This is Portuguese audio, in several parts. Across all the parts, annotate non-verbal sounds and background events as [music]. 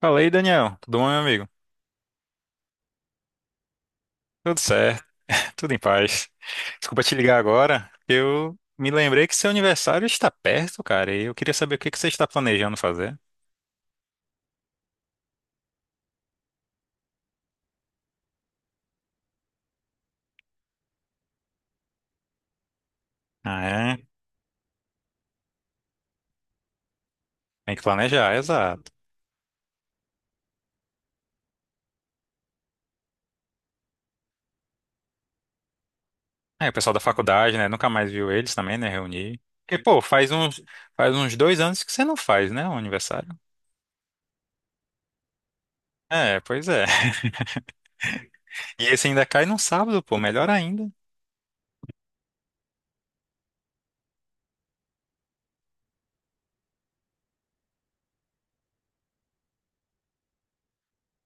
Fala aí, Daniel. Tudo bom, meu amigo? Tudo certo. [laughs] Tudo em paz. Desculpa te ligar agora. Eu me lembrei que seu aniversário está perto, cara, e eu queria saber o que que você está planejando fazer. Ah, é? Tem que planejar, exato. É, o pessoal da faculdade, né? Nunca mais viu eles também, né? Reunir. Porque, pô, faz uns 2 anos que você não faz, né? Um aniversário. É, pois é. [laughs] E esse ainda cai num sábado, pô, melhor ainda.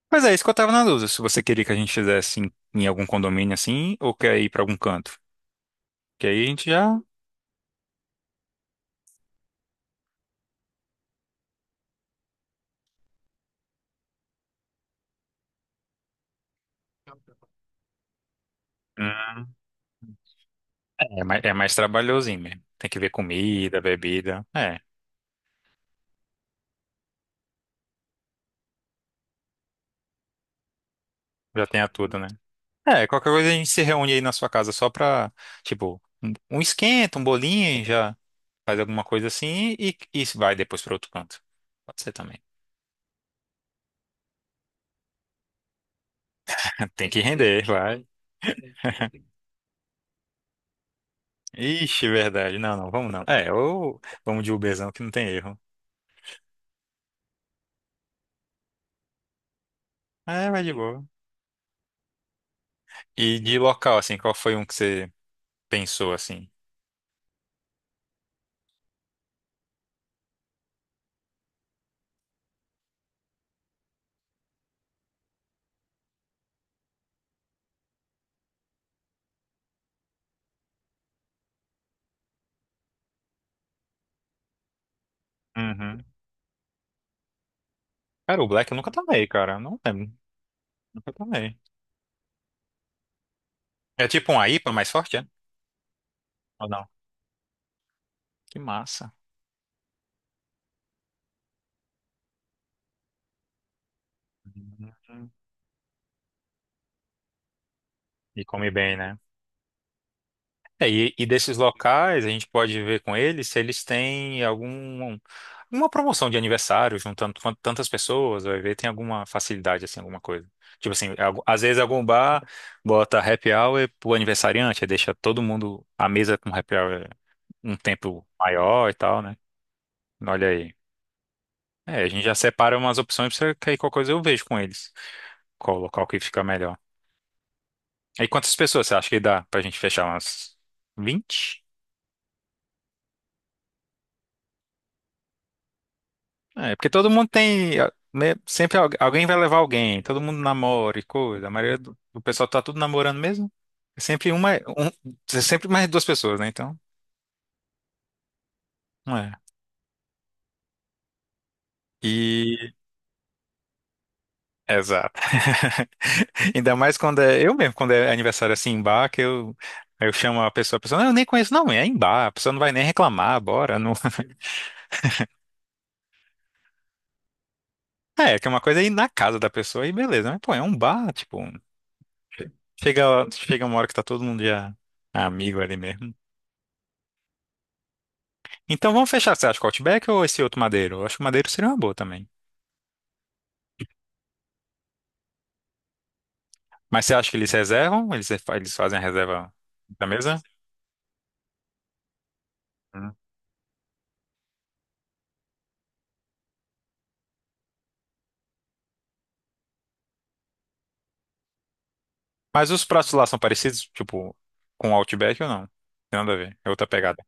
Pois é, isso que eu tava na dúvida, se você queria que a gente fizesse em algum condomínio assim, ou quer ir pra algum canto. Que aí a gente já. Hum. É mais trabalhosinho mesmo. Tem que ver comida, bebida. É, já tem a tudo, né? É, qualquer coisa a gente se reúne aí na sua casa só pra, tipo, um esquenta, um bolinho, já faz alguma coisa assim e vai depois pra outro canto. Pode ser também. [laughs] Tem que render, vai. Ixi, verdade. Não, não, vamos não. É, ou vamos de Uberzão que não tem erro. É, vai de boa. E de local, assim, qual foi um que você pensou, assim? Uhum. Cara, o Black eu nunca tomei, cara. Eu não lembro. Nunca tomei. É tipo um IPA mais forte, é? Ou não? Que massa. Uhum. E come bem, né? É, e desses locais, a gente pode ver com eles se eles têm algum, alguma promoção de aniversário, juntando tantas pessoas, vai ver, tem alguma facilidade, assim, alguma coisa. Tipo assim, às vezes algum bar bota happy hour pro aniversariante, aí deixa todo mundo, a mesa com happy hour um tempo maior e tal, né? Olha aí. É, a gente já separa umas opções pra que aí qualquer coisa eu vejo com eles. Qual local que fica melhor. Aí quantas pessoas você acha que dá pra gente fechar? Umas 20? É, porque todo mundo tem, né? Sempre alguém vai levar alguém, todo mundo namora e coisa. A maioria do pessoal tá tudo namorando mesmo. É sempre uma. É sempre mais duas pessoas, né? Então, não é. E. Exato. [laughs] Ainda mais quando é. Eu mesmo, quando é aniversário assim em bar, que eu chamo a pessoa, não, eu nem conheço, não, é em bar, a pessoa não vai nem reclamar, bora. Não. [laughs] É, que é uma coisa aí na casa da pessoa e beleza, mas pô, é um bar, tipo, chega uma hora que tá todo mundo já amigo ali mesmo. Então vamos fechar, você acha que o Outback ou esse outro Madeiro? Eu acho que o Madeiro seria uma boa também. Mas você acha que eles reservam? Eles fazem a reserva da mesa? Hum. Mas os pratos lá são parecidos, tipo, com o Outback ou não? Tem nada a ver, é outra pegada.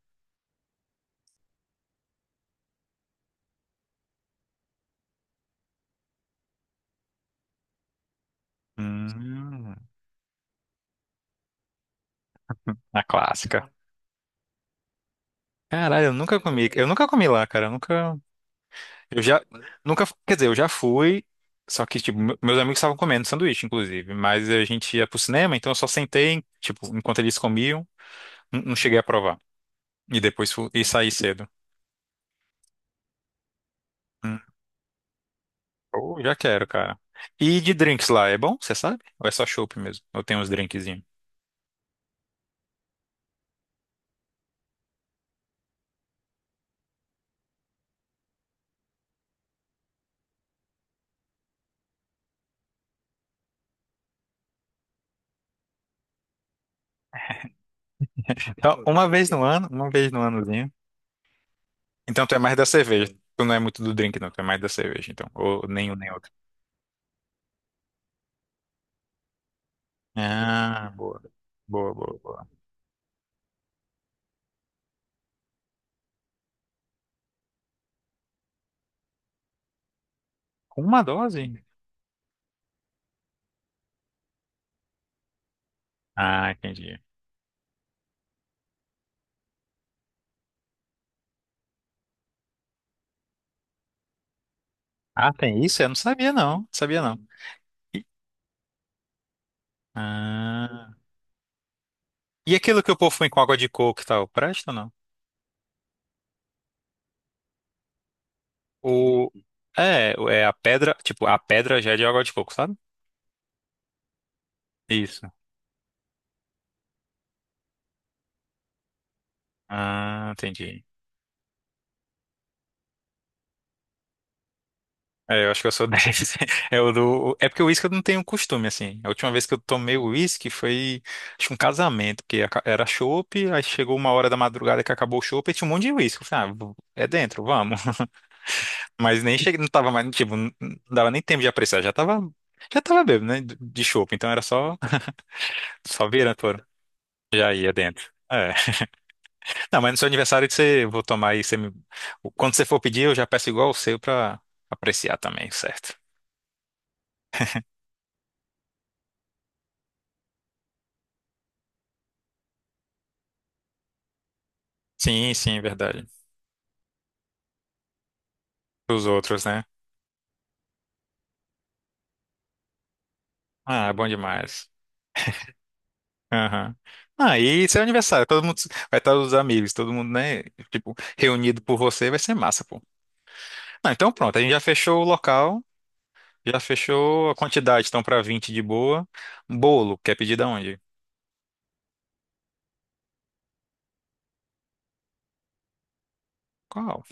Hum. Na clássica. Caralho, eu nunca comi. Eu nunca comi lá, cara. Eu nunca. Eu já. Nunca. Quer dizer, eu já fui. Só que, tipo, meus amigos estavam comendo sanduíche, inclusive. Mas a gente ia pro cinema, então eu só sentei, tipo, enquanto eles comiam, não cheguei a provar. E depois fui, e saí cedo. Hum. Pô, já quero, cara. E de drinks lá, é bom? Você sabe? Ou é só chopp mesmo? Ou tem uns drinkzinhos? Então, uma vez no ano, uma vez no anozinho. Então tu é mais da cerveja. Tu não é muito do drink, não. Tu é mais da cerveja, então. Ou nem um nem outro. Ah, boa. Boa, boa, boa. Com uma dose? Ah, entendi. Ah, tem isso? Eu não sabia, não. Sabia, não. E- Ah. E aquilo que o povo põe com água de coco e tal, presta ou não? O... é a pedra, tipo, a pedra já é de água de coco, sabe? Isso. Ah, entendi. É, eu acho que eu sou 10. [laughs] É, é porque o uísque eu não tenho costume, assim. A última vez que eu tomei o uísque foi, acho que um casamento, porque era chopp, aí chegou uma hora da madrugada que acabou o chopp e tinha um monte de uísque. Eu falei, ah, é dentro, vamos. [laughs] Mas nem cheguei, não tava mais, tipo, não dava nem tempo de apreciar, já tava bêbado, né, de chopp, então era só virando, foram. Já ia dentro. É. Não, mas no seu aniversário você, vou tomar aí, quando você for pedir, eu já peço igual o seu pra apreciar também, certo? Sim, sim, é verdade. Os outros, né? Ah, é bom demais. Aham. Ah, e seu aniversário, todo mundo vai estar os amigos, todo mundo, né? Tipo, reunido por você, vai ser massa, pô. Não, então pronto, a gente já fechou o local, já fechou a quantidade, então pra 20 de boa. Bolo, quer pedir da onde? Qual?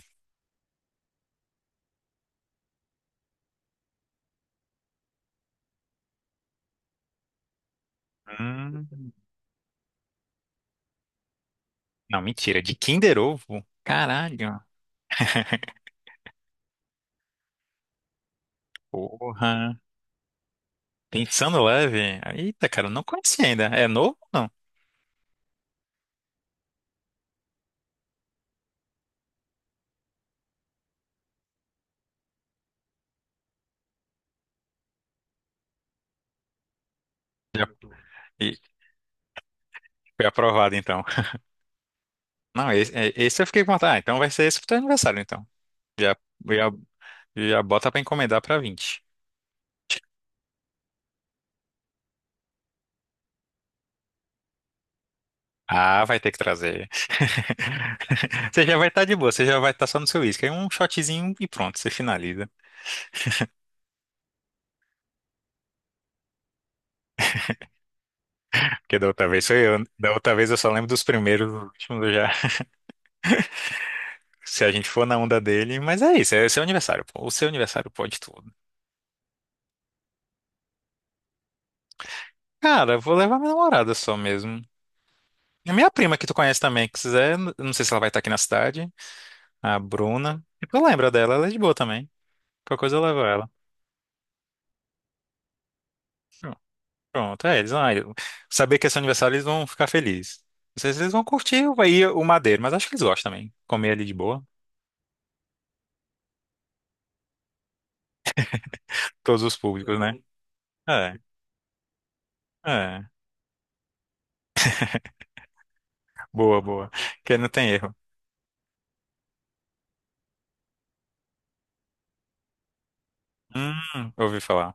Hum, não, mentira, de Kinder Ovo? Caralho, porra. Pensando leve. Eita, cara, eu não conheci ainda. É novo ou não? Já- e foi aprovado, então. Não, esse, esse eu fiquei com vontade. Ah, então vai ser esse pro teu aniversário, então. Já, já, Já bota pra encomendar pra 20. Ah, vai ter que trazer. [laughs] Você já vai estar de boa, você já vai estar só no seu uísque. Aí um shotzinho e pronto, você finaliza. Porque da outra vez foi eu. Da outra vez eu só lembro dos primeiros, dos últimos eu já. [laughs] Se a gente for na onda dele. Mas é isso, é seu aniversário, pô. O seu aniversário pode tudo. Cara, eu vou levar minha namorada só mesmo. E a minha prima que tu conhece também, que quiser. Eu não sei se ela vai estar aqui na cidade. A Bruna. Tu lembra dela, ela é de boa também. Qualquer coisa eu levo ela. Pronto, é, eles vão, saber que é seu aniversário, eles vão ficar felizes. Não sei se eles vão curtir aí o Madeiro, mas acho que eles gostam também. Comer ali de boa. Todos os públicos, né? É, é. Boa, boa. Que não tem erro. Ouvi falar.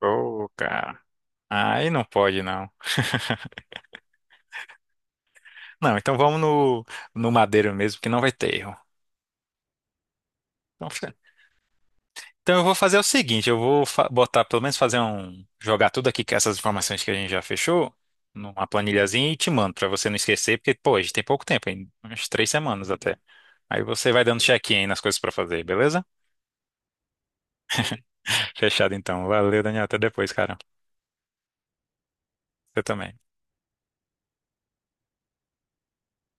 Ô, cara. Aí não pode, não. Não, então vamos no, no Madeiro mesmo, que não vai ter erro. Então, Então eu vou fazer o seguinte, eu vou botar, pelo menos fazer um, jogar tudo aqui, que essas informações que a gente já fechou, numa planilhazinha e te mando, pra você não esquecer, porque, pô, a gente tem pouco tempo, ainda, umas 3 semanas até. Aí você vai dando check-in aí nas coisas pra fazer, beleza? Fechado então. Valeu, Daniel, até depois, cara. Você também.